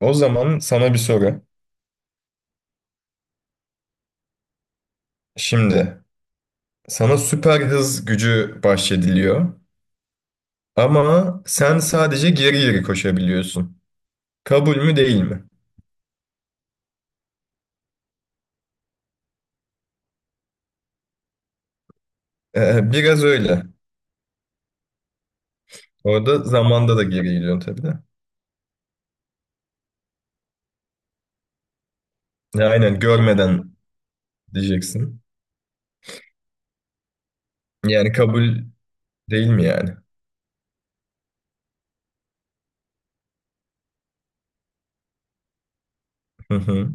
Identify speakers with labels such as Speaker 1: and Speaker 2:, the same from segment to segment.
Speaker 1: O zaman sana bir soru. Şimdi sana süper hız gücü bahşediliyor ama sen sadece geri geri koşabiliyorsun. Kabul mü değil mi? Biraz öyle. Orada zamanda da geri gidiyorsun tabii de. Ya, aynen görmeden diyeceksin. Yani kabul değil mi yani? Hı hı.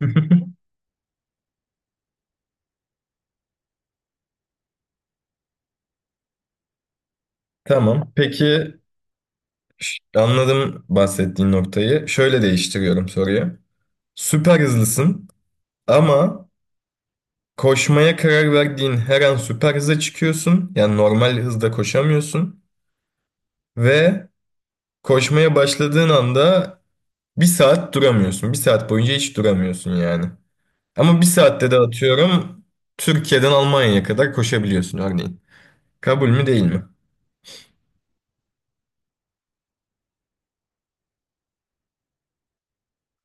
Speaker 1: Tamam. Peki anladım bahsettiğin noktayı. Şöyle değiştiriyorum soruyu. Süper hızlısın ama koşmaya karar verdiğin her an süper hıza çıkıyorsun. Yani normal hızda koşamıyorsun. Ve koşmaya başladığın anda bir saat duramıyorsun. Bir saat boyunca hiç duramıyorsun yani. Ama bir saatte de atıyorum Türkiye'den Almanya'ya kadar koşabiliyorsun örneğin. Kabul mü değil mi?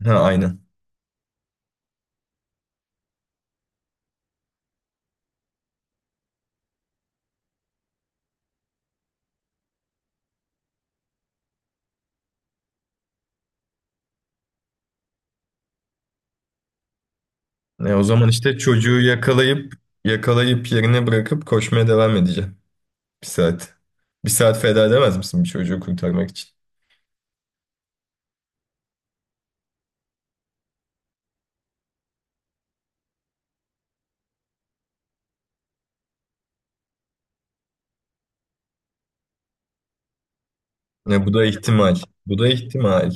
Speaker 1: Ha, aynen. E, o zaman işte çocuğu yakalayıp yerine bırakıp koşmaya devam edeceğim. Bir saat. Bir saat feda edemez misin bir çocuğu kurtarmak için? Ne, bu da ihtimal. Bu da ihtimal.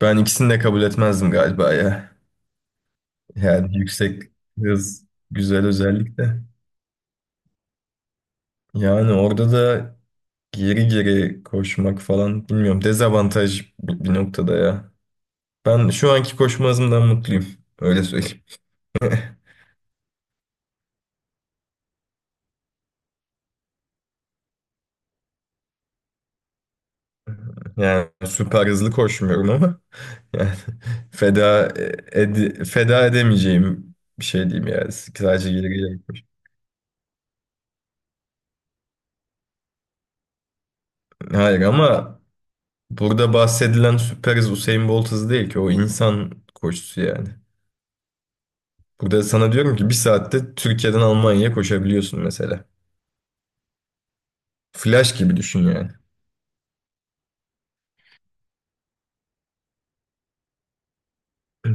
Speaker 1: Ben ikisini de kabul etmezdim galiba ya. Yani yüksek hız güzel özellik de. Yani orada da geri geri koşmak falan bilmiyorum. Dezavantaj bir noktada ya. Ben şu anki koşma hızımdan mutluyum. Öyle söyleyeyim. Yani süper hızlı koşmuyorum ama yani feda feda edemeyeceğim bir şey diyeyim yani. Sadece geri geri koş. Hayır ama burada bahsedilen süper hız Usain Bolt hızı değil ki. O insan koşusu yani. Burada sana diyorum ki bir saatte Türkiye'den Almanya'ya koşabiliyorsun mesela. Flash gibi düşün yani.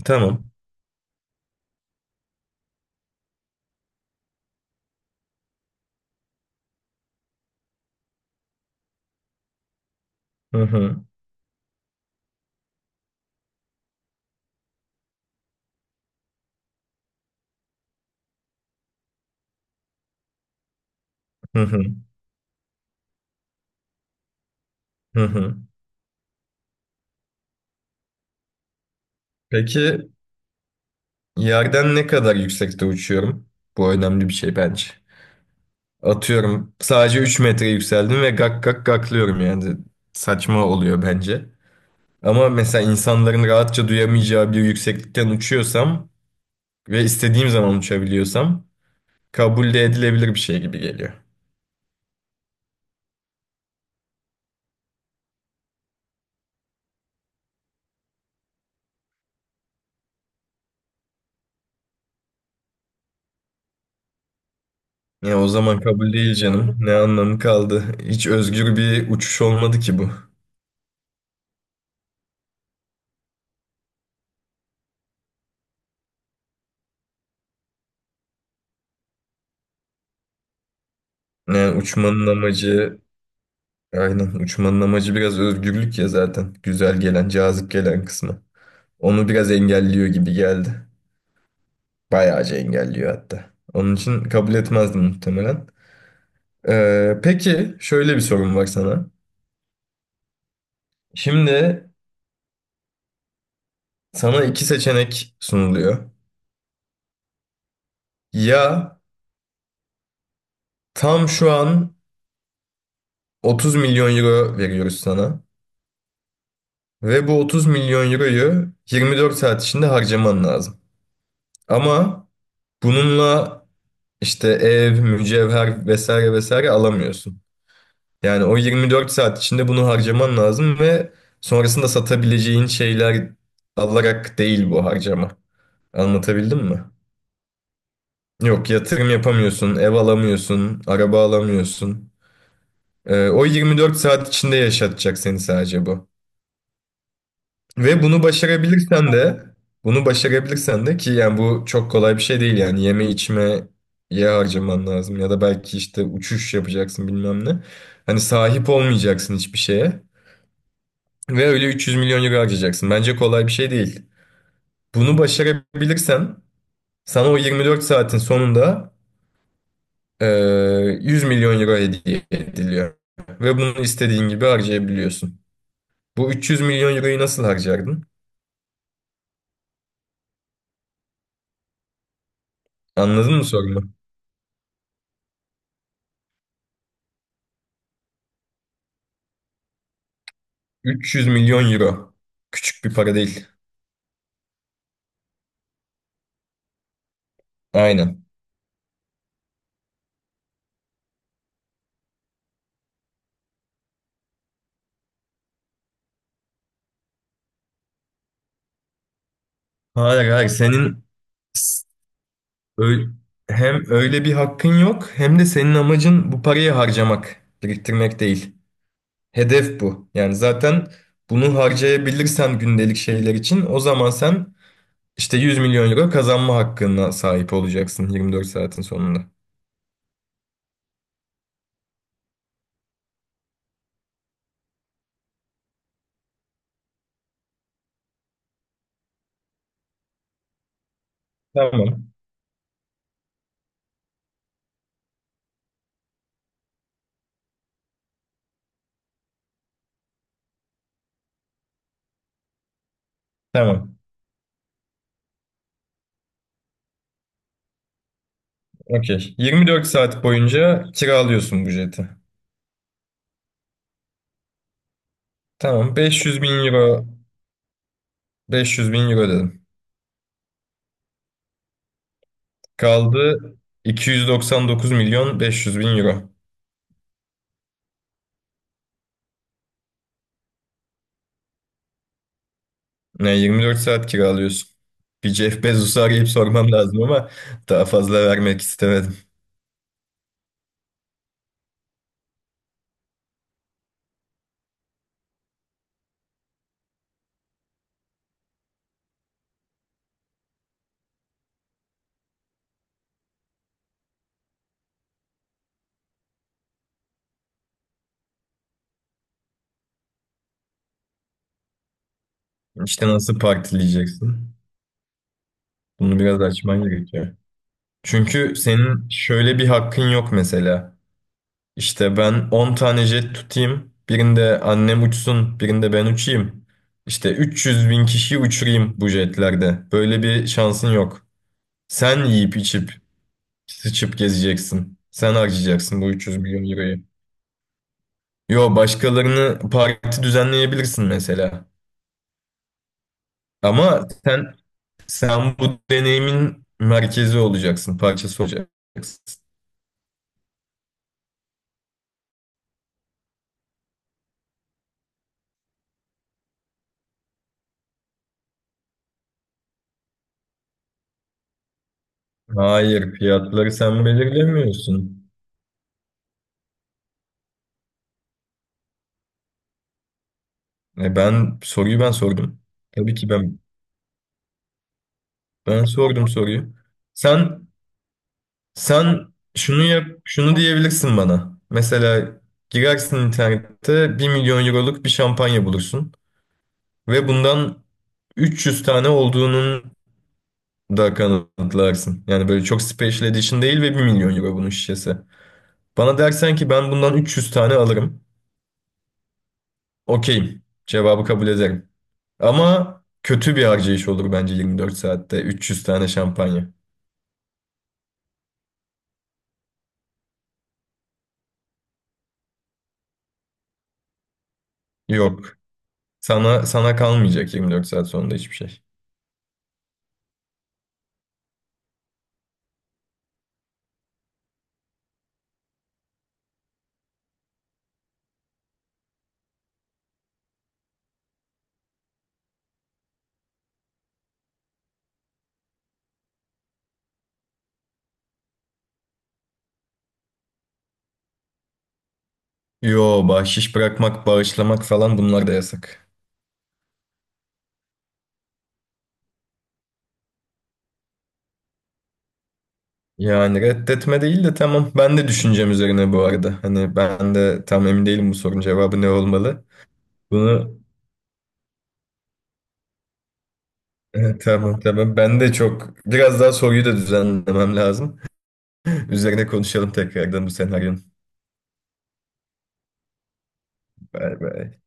Speaker 1: Tamam. Hı hı, hı hı, hı hı. Peki yerden ne kadar yüksekte uçuyorum? Bu önemli bir şey bence. Atıyorum sadece 3 metre yükseldim ve gak gak gaklıyorum yani. Saçma oluyor bence. Ama mesela insanların rahatça duyamayacağı bir yükseklikten uçuyorsam ve istediğim zaman uçabiliyorsam kabul de edilebilir bir şey gibi geliyor. Ya o zaman kabul değil canım. Ne anlamı kaldı? Hiç özgür bir uçuş olmadı ki bu. Yani uçmanın amacı, aynen uçmanın amacı biraz özgürlük ya zaten. Güzel gelen, cazip gelen kısmı. Onu biraz engelliyor gibi geldi. Bayağıca engelliyor hatta. Onun için kabul etmezdim muhtemelen. Peki şöyle bir sorum var sana. Şimdi sana iki seçenek sunuluyor. Ya tam şu an 30 milyon euro veriyoruz sana. Ve bu 30 milyon euroyu 24 saat içinde harcaman lazım. Ama bununla işte ev, mücevher vesaire vesaire alamıyorsun. Yani o 24 saat içinde bunu harcaman lazım ve sonrasında satabileceğin şeyler alarak değil bu harcama. Anlatabildim mi? Yok, yatırım yapamıyorsun, ev alamıyorsun, araba alamıyorsun. O 24 saat içinde yaşatacak seni sadece bu. Ve bunu başarabilirsen de ki yani bu çok kolay bir şey değil yani yeme içmeye harcaman lazım ya da belki işte uçuş yapacaksın bilmem ne. Hani sahip olmayacaksın hiçbir şeye ve öyle 300 milyon euro harcayacaksın. Bence kolay bir şey değil. Bunu başarabilirsen sana o 24 saatin sonunda 100 milyon euro hediye ediliyor ve bunu istediğin gibi harcayabiliyorsun. Bu 300 milyon euroyu nasıl harcardın? Anladın mı sorumu? 300 milyon euro. Küçük bir para değil. Aynen. Hayır hayır senin s- ö- hem öyle bir hakkın yok hem de senin amacın bu parayı harcamak, biriktirmek değil. Hedef bu. Yani zaten bunu harcayabilirsen gündelik şeyler için o zaman sen işte 100 milyon euro kazanma hakkına sahip olacaksın 24 saatin sonunda. Tamam. Tamam. Okey. 24 saat boyunca kiralıyorsun bu jeti. Tamam. 500 bin euro. 500 bin euro dedim. Kaldı 299 milyon 500 bin euro. Yani 24 saat kiralıyorsun. Bir Jeff Bezos'u arayıp sormam lazım ama daha fazla vermek istemedim. İşte nasıl partileyeceksin? Bunu biraz açman gerekiyor. Çünkü senin şöyle bir hakkın yok mesela. İşte ben 10 tane jet tutayım. Birinde annem uçsun, birinde ben uçayım. İşte 300 bin kişiyi uçurayım bu jetlerde. Böyle bir şansın yok. Sen yiyip içip sıçıp gezeceksin. Sen harcayacaksın bu 300 milyon euroyu. Yo, başkalarını parti düzenleyebilirsin mesela. Ama sen bu deneyimin merkezi olacaksın, parçası olacaksın. Hayır, fiyatları sen belirlemiyorsun. E ben soruyu ben sordum. Tabii ki ben sordum soruyu. Sen sen şunu yap, şunu diyebilirsin bana. Mesela girersin internette 1 milyon euroluk bir şampanya bulursun. Ve bundan 300 tane olduğunun da kanıtlarsın. Yani böyle çok special edition değil ve 1 milyon euro bunun şişesi. Bana dersen ki ben bundan 300 tane alırım. Okeyim. Cevabı kabul ederim. Ama kötü bir harcayış olur bence 24 saatte 300 tane şampanya. Yok. Sana kalmayacak 24 saat sonunda hiçbir şey. Yo, bahşiş bırakmak, bağışlamak falan bunlar da yasak. Yani reddetme değil de tamam. Ben de düşüncem üzerine bu arada. Hani ben de tam emin değilim bu sorunun cevabı ne olmalı. Bunu tamam, tamam. Ben de çok biraz daha soruyu da düzenlemem lazım. Üzerine konuşalım tekrardan bu senaryonun. Bay bay.